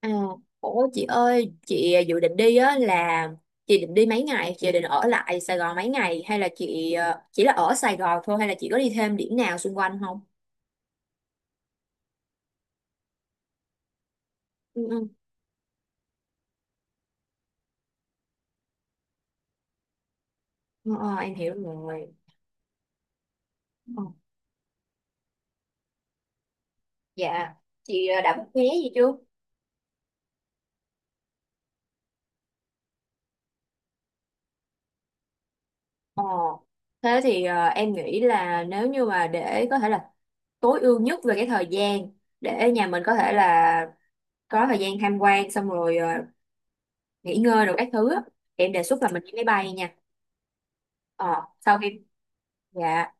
À, ủa chị ơi, dự định đi á là chị định đi mấy ngày, chị định ở lại Sài Gòn mấy ngày hay là chỉ là ở Sài Gòn thôi hay là chị có đi thêm điểm nào xung quanh không? Ừ. Ờ, em hiểu rồi. Ờ, dạ, đã book vé gì chưa? Ờ, Thế thì em nghĩ là nếu như mà để có thể là tối ưu nhất về cái thời gian để nhà mình có thể là có thời gian tham quan xong rồi nghỉ ngơi rồi các thứ á, em đề xuất là mình đi máy bay nha. Ờ, sau khi dạ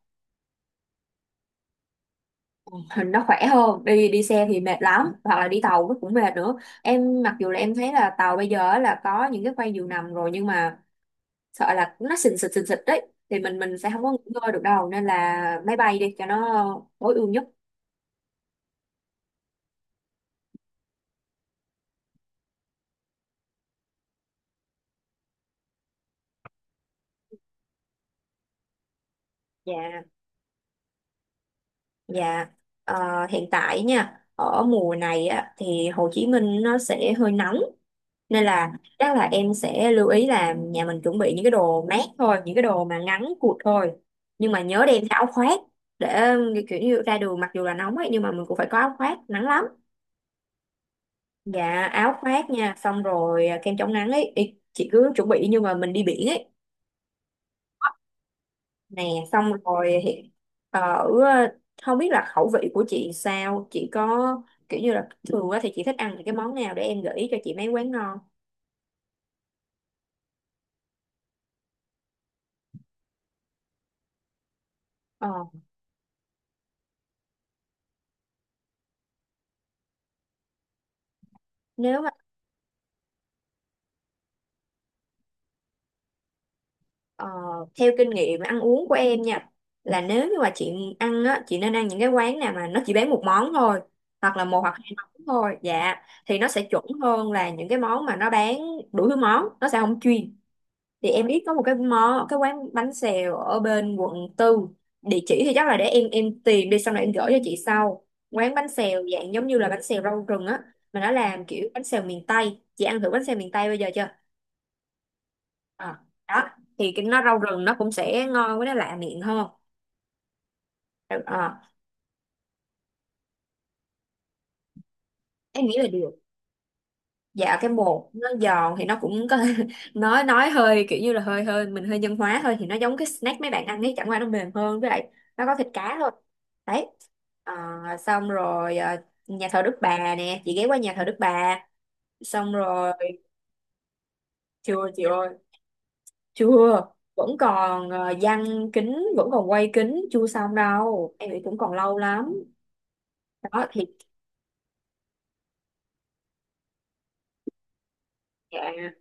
hình nó khỏe hơn đi đi xe thì mệt lắm hoặc là đi tàu nó cũng mệt nữa, em mặc dù là em thấy là tàu bây giờ á là có những cái khoang giường nằm rồi nhưng mà sợ là nó xình xịch đấy thì mình sẽ không có nghỉ ngơi được đâu, nên là máy bay đi cho nó tối ưu nhất. Dạ, dạ. Ờ, hiện tại nha, ở mùa này á, thì Hồ Chí Minh nó sẽ hơi nóng, nên là chắc là em sẽ lưu ý là nhà mình chuẩn bị những cái đồ mát thôi, những cái đồ mà ngắn cụt thôi, nhưng mà nhớ đem theo áo khoác để kiểu như ra đường mặc dù là nóng ấy nhưng mà mình cũng phải có áo khoác, nắng lắm. Dạ, áo khoác nha, xong rồi kem chống nắng ấy. Ý, chị cứ chuẩn bị như mà mình đi biển ấy nè, xong rồi thì ở, không biết là khẩu vị của chị sao, chị có kiểu như là thường á thì chị thích ăn những cái món nào để em gợi ý cho chị mấy quán ngon. ờ nếu Ờ, theo kinh nghiệm ăn uống của em nha, là nếu như mà chị ăn á chị nên ăn những cái quán nào mà nó chỉ bán một món thôi, hoặc là một hoặc hai món thôi, dạ, thì nó sẽ chuẩn hơn là những cái món mà nó bán đủ thứ món, nó sẽ không chuyên. Thì em biết có một cái món cái quán bánh xèo ở bên quận tư, địa chỉ thì chắc là để em tìm đi xong rồi em gửi cho chị sau. Quán bánh xèo dạng giống như là bánh xèo rau rừng á, mà nó làm kiểu bánh xèo miền Tây, chị ăn thử bánh xèo miền Tây bây giờ chưa? Ờ, đó, thì cái nó rau rừng nó cũng sẽ ngon, với nó lạ miệng hơn. ờ, em nghĩ là được. Dạ, cái bột nó giòn thì nó cũng có nói hơi kiểu như là hơi hơi mình hơi nhân hóa thôi, thì nó giống cái snack mấy bạn ăn ấy, chẳng qua nó mềm hơn, với lại nó có thịt cá thôi. Đấy. Ờ, Xong rồi nhà thờ Đức Bà nè, chị ghé qua nhà thờ Đức Bà xong rồi. Chưa chị ơi, chưa, vẫn còn giăng kính, vẫn còn quay kính chưa xong đâu, em nghĩ cũng còn lâu lắm. Đó thì dạ.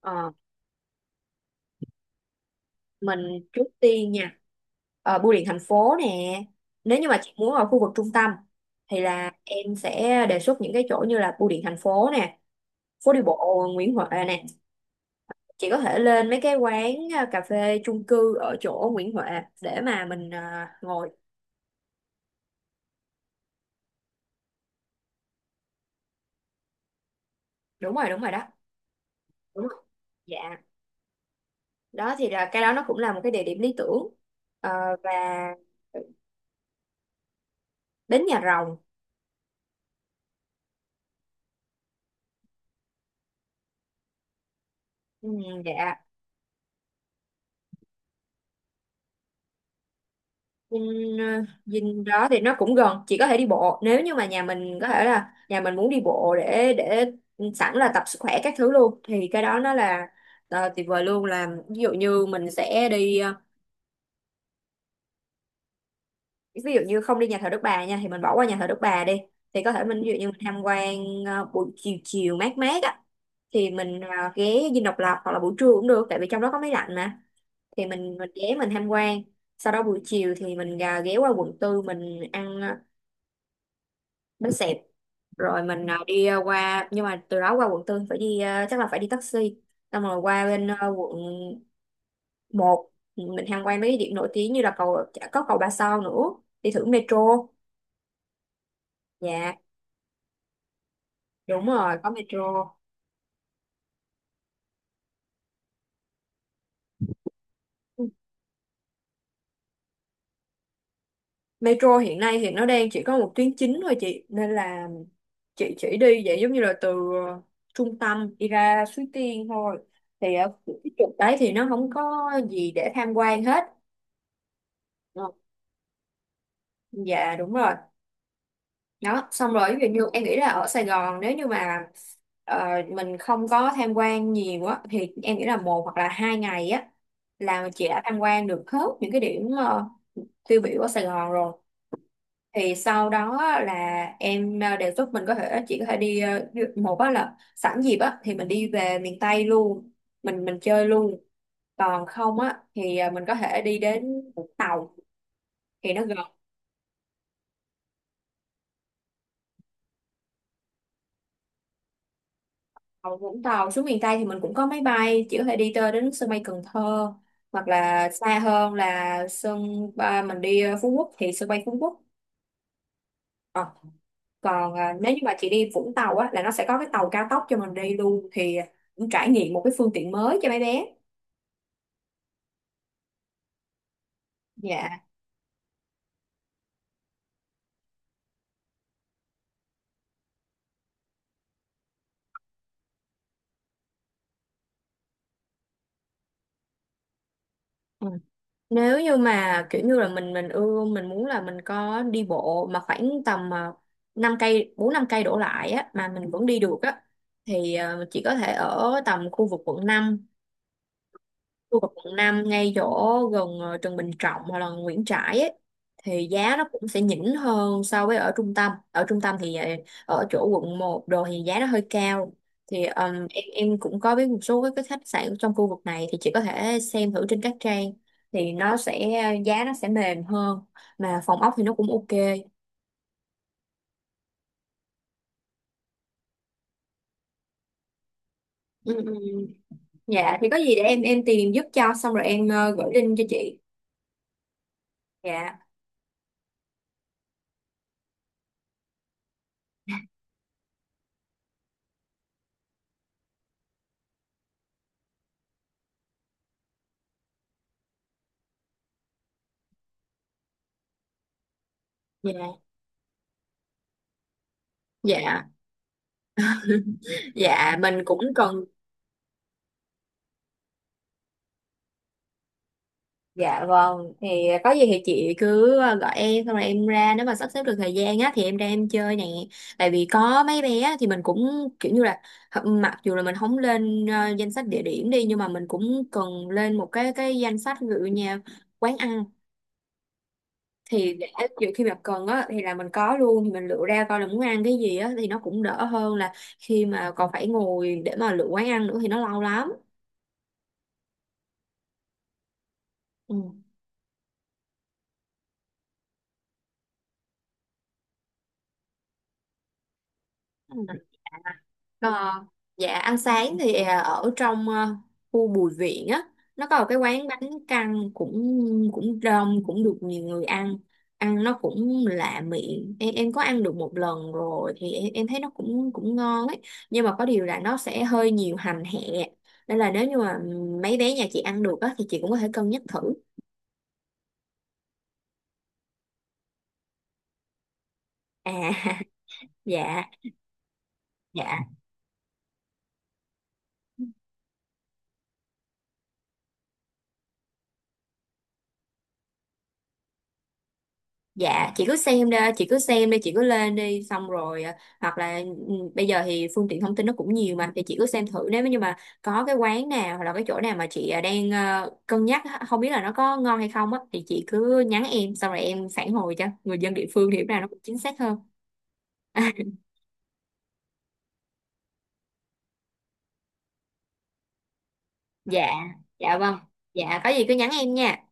Ờ, mình trước tiên nha, bưu điện thành phố nè, nếu như mà chị muốn ở khu vực trung tâm thì là em sẽ đề xuất những cái chỗ như là bưu điện thành phố nè, phố đi bộ Nguyễn Huệ nè, chị có thể lên mấy cái quán cà phê chung cư ở chỗ Nguyễn Huệ để mà mình ngồi. Đúng rồi. Đó, đúng rồi. Dạ, đó thì là cái đó nó cũng là một cái địa điểm lý tưởng. Ờ, và đến nhà rồng. Ừ, dạ. Dinh, Dinh đó thì nó cũng gần, chỉ có thể đi bộ, nếu như mà nhà mình có thể là nhà mình muốn đi bộ để sẵn là tập sức khỏe các thứ luôn, thì cái đó nó là tuyệt vời luôn. Là ví dụ như mình sẽ đi ví dụ như không đi nhà thờ Đức Bà nha, thì mình bỏ qua nhà thờ Đức Bà đi, thì có thể mình ví dụ như mình tham quan buổi chiều chiều mát mát á, thì mình ghé Dinh Độc Lập, hoặc là buổi trưa cũng được, tại vì trong đó có máy lạnh mà, thì mình ghé mình tham quan, sau đó buổi chiều thì mình ghé qua quận tư mình ăn bánh xẹp, rồi mình đi qua, nhưng mà từ đó qua quận tư phải đi chắc là phải đi taxi, xong rồi qua bên quận một, mình tham quan mấy cái điểm nổi tiếng như là cầu, có cầu Ba Sao nữa, đi thử metro. Dạ, đúng rồi, có metro. Metro hiện nay thì nó đang chỉ có một tuyến chính thôi chị, nên là chị chỉ đi vậy giống như là từ ờ, trung tâm đi ra Suối Tiên thôi, thì ở cái trục đấy thì nó không có gì để tham quan hết. Ờ, dạ đúng rồi. Đó, xong rồi ví dụ như em nghĩ là ở Sài Gòn, nếu như mà mình không có tham quan nhiều á thì em nghĩ là một hoặc là hai ngày á là chị đã tham quan được hết những cái điểm tiêu biểu ở Sài Gòn rồi, thì sau đó á, là em đề xuất mình có thể chỉ có thể đi ờ, một á là sẵn dịp á thì mình đi về miền Tây luôn, mình chơi luôn, còn không á thì ờ, mình có thể đi đến Vũng Tàu, thì nó gần. Ở Vũng Tàu xuống miền Tây thì mình cũng có máy bay, chỉ có thể đi tới đến sân bay Cần Thơ, hoặc là xa hơn là sân ba mình đi Phú Quốc thì sân bay Phú Quốc. Ờ, còn nếu như mà chị đi Vũng Tàu á là nó sẽ có cái tàu cao tốc cho mình đi luôn, thì cũng trải nghiệm một cái phương tiện mới cho mấy bé. Dạ. Ừ. Nếu như mà kiểu như là mình ưa, mình muốn là mình có đi bộ mà khoảng tầm 5 cây, 4 5 cây đổ lại á mà mình vẫn đi được á, thì ờ, chỉ có thể ở tầm khu vực quận 5. Tôi ở quận 5 ngay chỗ gần Trần Bình Trọng hoặc là Nguyễn Trãi ấy, thì giá nó cũng sẽ nhỉnh hơn so với ở trung tâm. Ở trung tâm thì ở chỗ quận một đồ thì giá nó hơi cao. Thì em cũng có biết một số cái khách sạn trong khu vực này, thì chị có thể xem thử trên các trang, thì nó sẽ giá nó sẽ mềm hơn, mà phòng ốc thì nó cũng ok. Ừ. Dạ thì có gì để em tìm giúp cho xong rồi em gửi link cho chị. Dạ. Dạ. Dạ, dạ mình cũng cần. Dạ vâng, thì có gì thì chị cứ gọi em xong rồi em ra, nếu mà sắp xếp được thời gian á thì em ra em chơi nè. Tại vì có mấy bé á, thì mình cũng kiểu như là mặc dù là mình không lên danh sách địa điểm đi, nhưng mà mình cũng cần lên một cái danh sách ví dụ như quán ăn, thì để ví khi mà cần á thì là mình có luôn, thì mình lựa ra coi là muốn ăn cái gì á thì nó cũng đỡ hơn là khi mà còn phải ngồi để mà lựa quán ăn nữa thì nó lâu lắm. Ừ. Ờ, dạ ăn sáng thì ở trong khu Bùi Viện á, nó có một cái quán bánh căn, cũng cũng đông, cũng được nhiều người ăn, ăn nó cũng lạ miệng, em có ăn được một lần rồi thì em thấy nó cũng cũng ngon ấy, nhưng mà có điều là nó sẽ hơi nhiều hành hẹ, nên là nếu như mà mấy bé nhà chị ăn được á thì chị cũng có thể cân nhắc thử. À dạ. Dạ. Dạ, chị cứ xem đi, chị cứ xem đi, chị cứ lên đi, xong rồi hoặc là ừ, bây giờ thì phương tiện thông tin nó cũng nhiều mà, thì chị cứ xem thử, nếu như mà có cái quán nào hoặc là cái chỗ nào mà chị đang cân nhắc á, không biết là nó có ngon hay không á, thì chị cứ nhắn em, xong rồi em phản hồi cho, người dân địa phương thì lúc nào nó cũng chính xác hơn. Dạ, dạ vâng, dạ có gì cứ nhắn em nha.